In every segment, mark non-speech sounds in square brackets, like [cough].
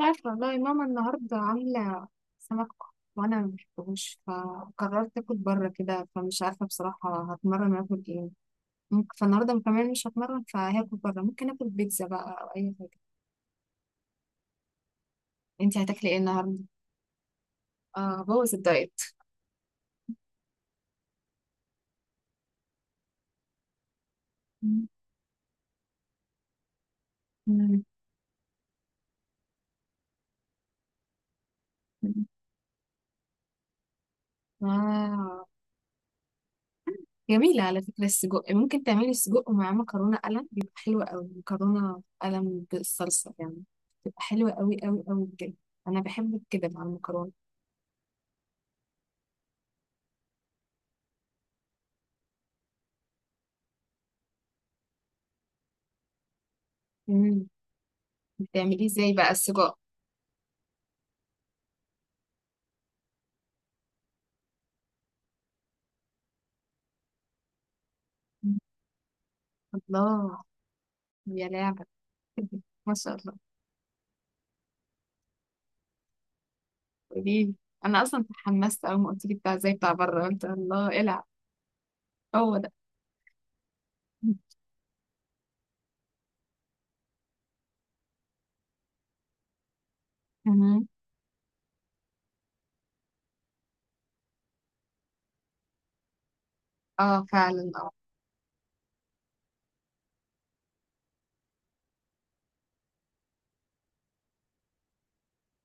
عارفة والله ماما النهاردة عاملة سمك، وأنا مبحبوش فقررت أكل بره كده، فمش عارفة بصراحة هتمرن أكل إيه. ممكن فالنهاردة كمان مش هتمرن فهاكل بره، ممكن أكل بيتزا بقى أو أي حاجة. أنتي هتاكلي إيه النهاردة؟ آه، بوظ الدايت. [laughs] مم. مم. آه، جميلة على فكرة. السجق ممكن تعملي سجق مع مكرونة قلم، بيبقى حلو أوي، مكرونة قلم بالصلصة يعني، بتبقى حلوة أوي أوي أوي بجد. أنا بحب كده مع المكرونة. بتعمليه ازاي بقى السجق؟ الله، يا لعبة. [laughs] ما شاء الله. قوليلي، انا اصلا تحمست اول ما قلت لي بتاع زي بتاع بره، قلت الله العب. هو ده. [laughs] مهم. اه فعلا، اه.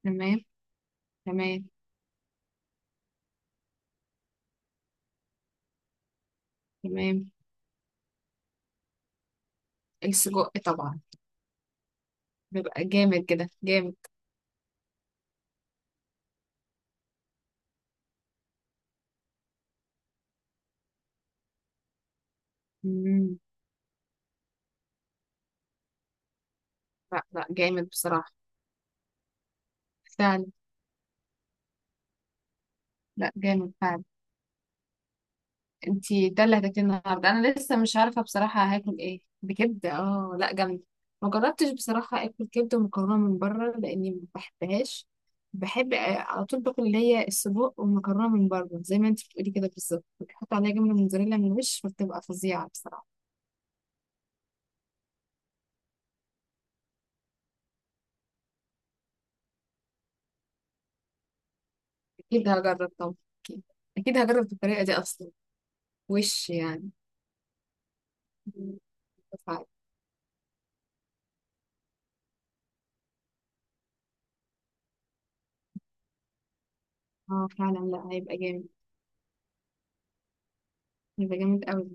تمام. تمام. تمام، السجق طبعا. بيبقى جامد كده، جامد. مم. لا لا، جامد بصراحة. فعلا. لا، جامد فعلا. انتي ده اللي هتاكليه النهارده؟ انا لسه مش عارفه بصراحه هاكل ايه. بكبده؟ اه لا، جامد. ما جربتش بصراحه اكل كبده ومكرونه من بره لاني ما بحبهاش. بحب آه، على طول باكل اللي هي السجق والمكرونه من بره، زي ما انتي بتقولي كده بالظبط، بتحط عليها جبنه موتزاريلا من الوش فبتبقى فظيعه بصراحه. اكيد هجرب طبعا، اكيد، اكيد هجرب الطريقه دي اصلا. وش يعني. اه فعلا، لا هيبقى جامد، هيبقى جامد قوي.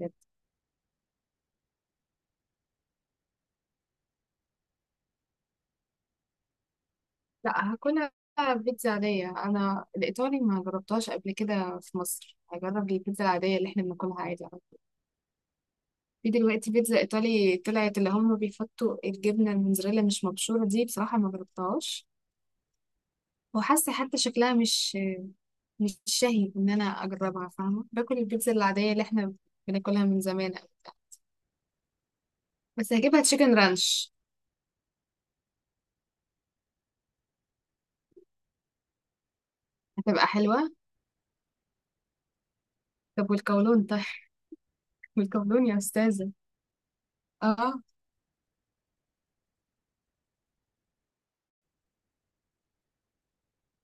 لا، هاكلها بيتزا عادية. أنا الإيطالي ما جربتهاش قبل كده في مصر، هجرب البيتزا العادية اللي احنا بناكلها عادي على طول. في دلوقتي بيتزا إيطالي طلعت اللي هم بيحطوا الجبنة الموتزاريلا مش مبشورة، دي بصراحة ما جربتهاش، وحاسة حتى شكلها مش شهي إن أنا أجربها، فاهمة، باكل البيتزا العادية اللي احنا بناكلها من زمان أوي. بس هجيبها تشيكن رانش، هتبقى حلوة. طب والكولون طيب؟ [laughs] والكولون يا أستاذة. اه.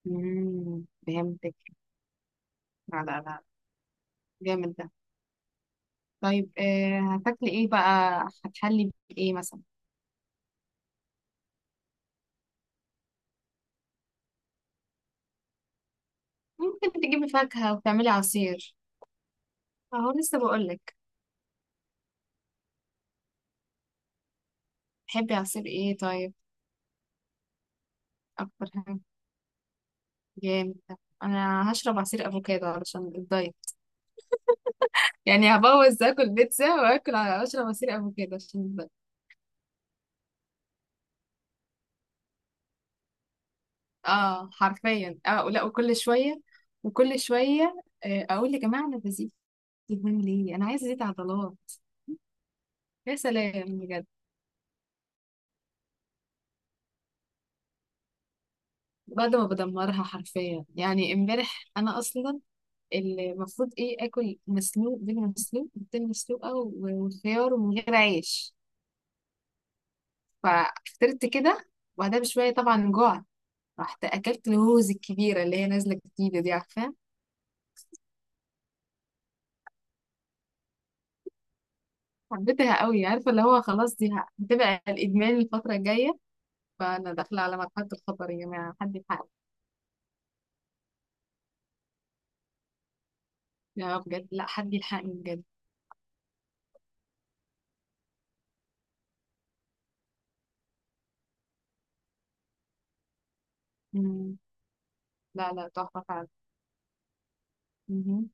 مم، فهمتك. لا لا لا، جامد ده. طيب آه، هتاكلي ايه بقى؟ هتحلي بايه مثلا؟ ممكن تجيبي فاكهة وتعملي عصير. اهو لسه بقولك، تحبي عصير ايه طيب؟ اكتر حاجة، جامد ده. انا هشرب عصير افوكادو علشان الدايت، يعني هبوظ، اكل بيتزا واكل اشرب عصير افوكادو عشان الدايت. اه حرفيا، اه، لا وكل شوية وكل شوية. آه، اقول يا جماعة، انا بزيد دهون ليه؟ انا عايزة ازيد عضلات. يا سلام بجد. بعد ما بدمرها حرفيا يعني، امبارح انا اصلا المفروض ايه اكل مسلوق، بيض مسلوق، بيضتين مسلوقه وخيار ومن غير عيش. ففطرت كده، وبعدها بشويه طبعا جوع، رحت اكلت الهوز الكبيره اللي هي نازله جديده دي، عارفه. حبيتها قوي، عارفه اللي هو خلاص دي هتبقى الادمان الفتره الجايه، فانا داخله على مرحله الخطر يا جماعه، حد يلحقني. لا بجد، لا حد يلحقني بجد. مم. لا لا، تحفه فعلا. مهم.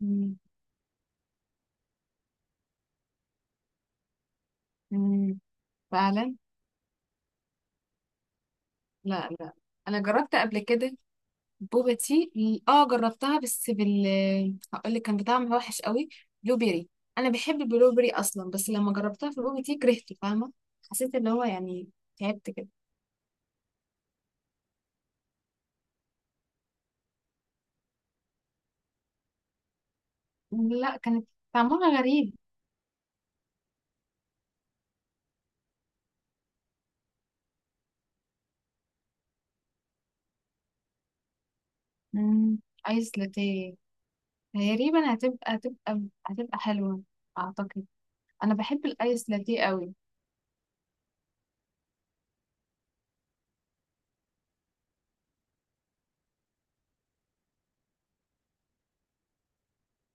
مم. مم. فعلا. لا لا، انا جربت قبل كده بوبا تي. اه جربتها، بس هقول لك كان بطعم وحش قوي، بلو بيري. انا بحب البلو بيري اصلا، بس لما جربتها في البوبا تي كرهته، فاهمه، حسيت اللي هو يعني تعبت كده. لا، كانت طعمها غريب. مم، ايس لاتيه. تقريبا هتبقى حلوه اعتقد. انا بحب الايس لاتيه قوي.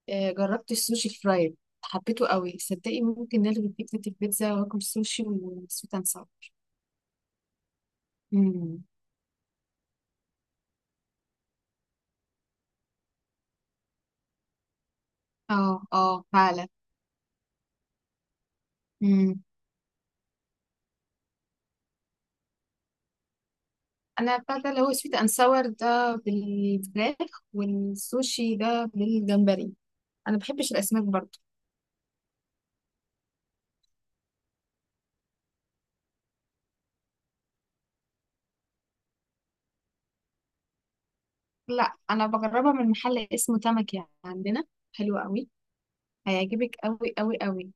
آه، جربت السوشي فرايد، حبيته قوي صدقي، ممكن نلغي فكره البيتزا واكل سوشي وسويت اند ساور. مم. اه اه فعلا. مم. انا بتاع ده اللي هو سويت اند ساور ده بالفراخ، والسوشي ده بالجمبري، انا بحبش الاسماك برضو. لا انا بجربها من محل اسمه تمكي عندنا، حلو قوي، هيعجبك قوي قوي قوي.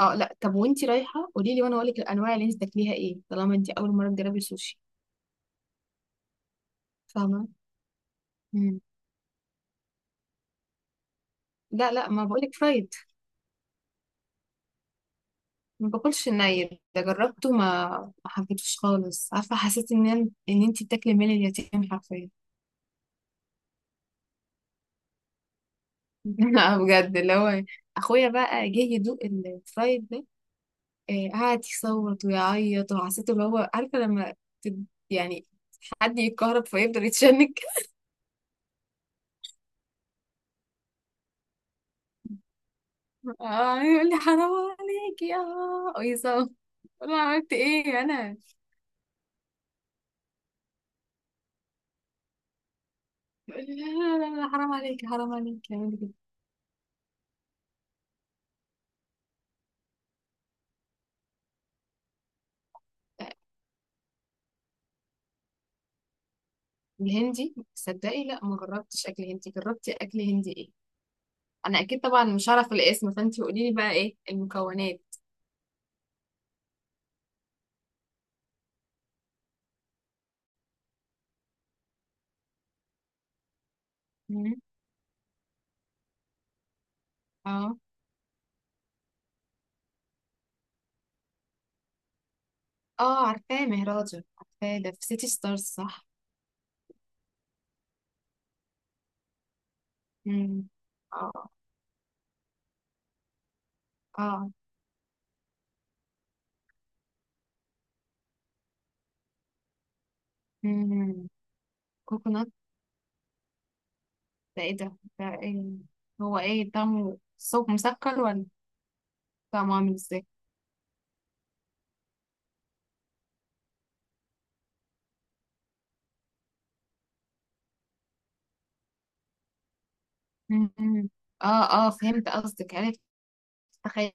اه لا، طب وانتي رايحه قولي لي وانا اقول لك الانواع اللي انت تاكليها ايه، طالما انتي اول مره تجربي سوشي، فاهمه. مم. لا لا، ما بقولك فرايد. ما باكلش الني، ده جربته ما حبيتوش خالص، عارفه، حسيت ان انتي بتاكلي مال اليتيم حرفيا. [laughs] لا بجد اللي هو اخويا بقى جه يدوق الفرايد ده، آه، قعد يصوت ويعيط، وحسيت اللي هو عارفه لما يعني حد يتكهرب فيفضل يتشنج. [laughs] اه، يقول لي حرام عليك يا آه، ويصوت. اقول له عملت ايه انا؟ يقول لي لا لا لا لا، حرام عليك، حرام عليك يعمل كده. آه، الهندي صدقي لا، ما جربتش اكل هندي. جربتي اكل هندي ايه؟ انا اكيد طبعا مش هعرف الاسم، فانت قولي لي بقى ايه المكونات. مم. اه اه، عارفاه مهراجة عارفاه، ده في سيتي ستارز صح؟ مم. اه. اه. مم. كوكونات؟ ده ايه ده ايه هو؟ ايه طعمه؟ صوب مسكر ولا طعمه عامل ازاي؟ مم. اه اه فهمت قصدك، عرفت. تخيل.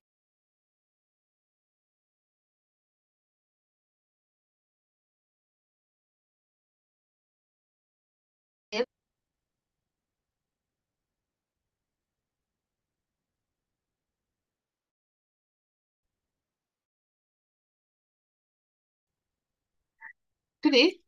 تقول ايه.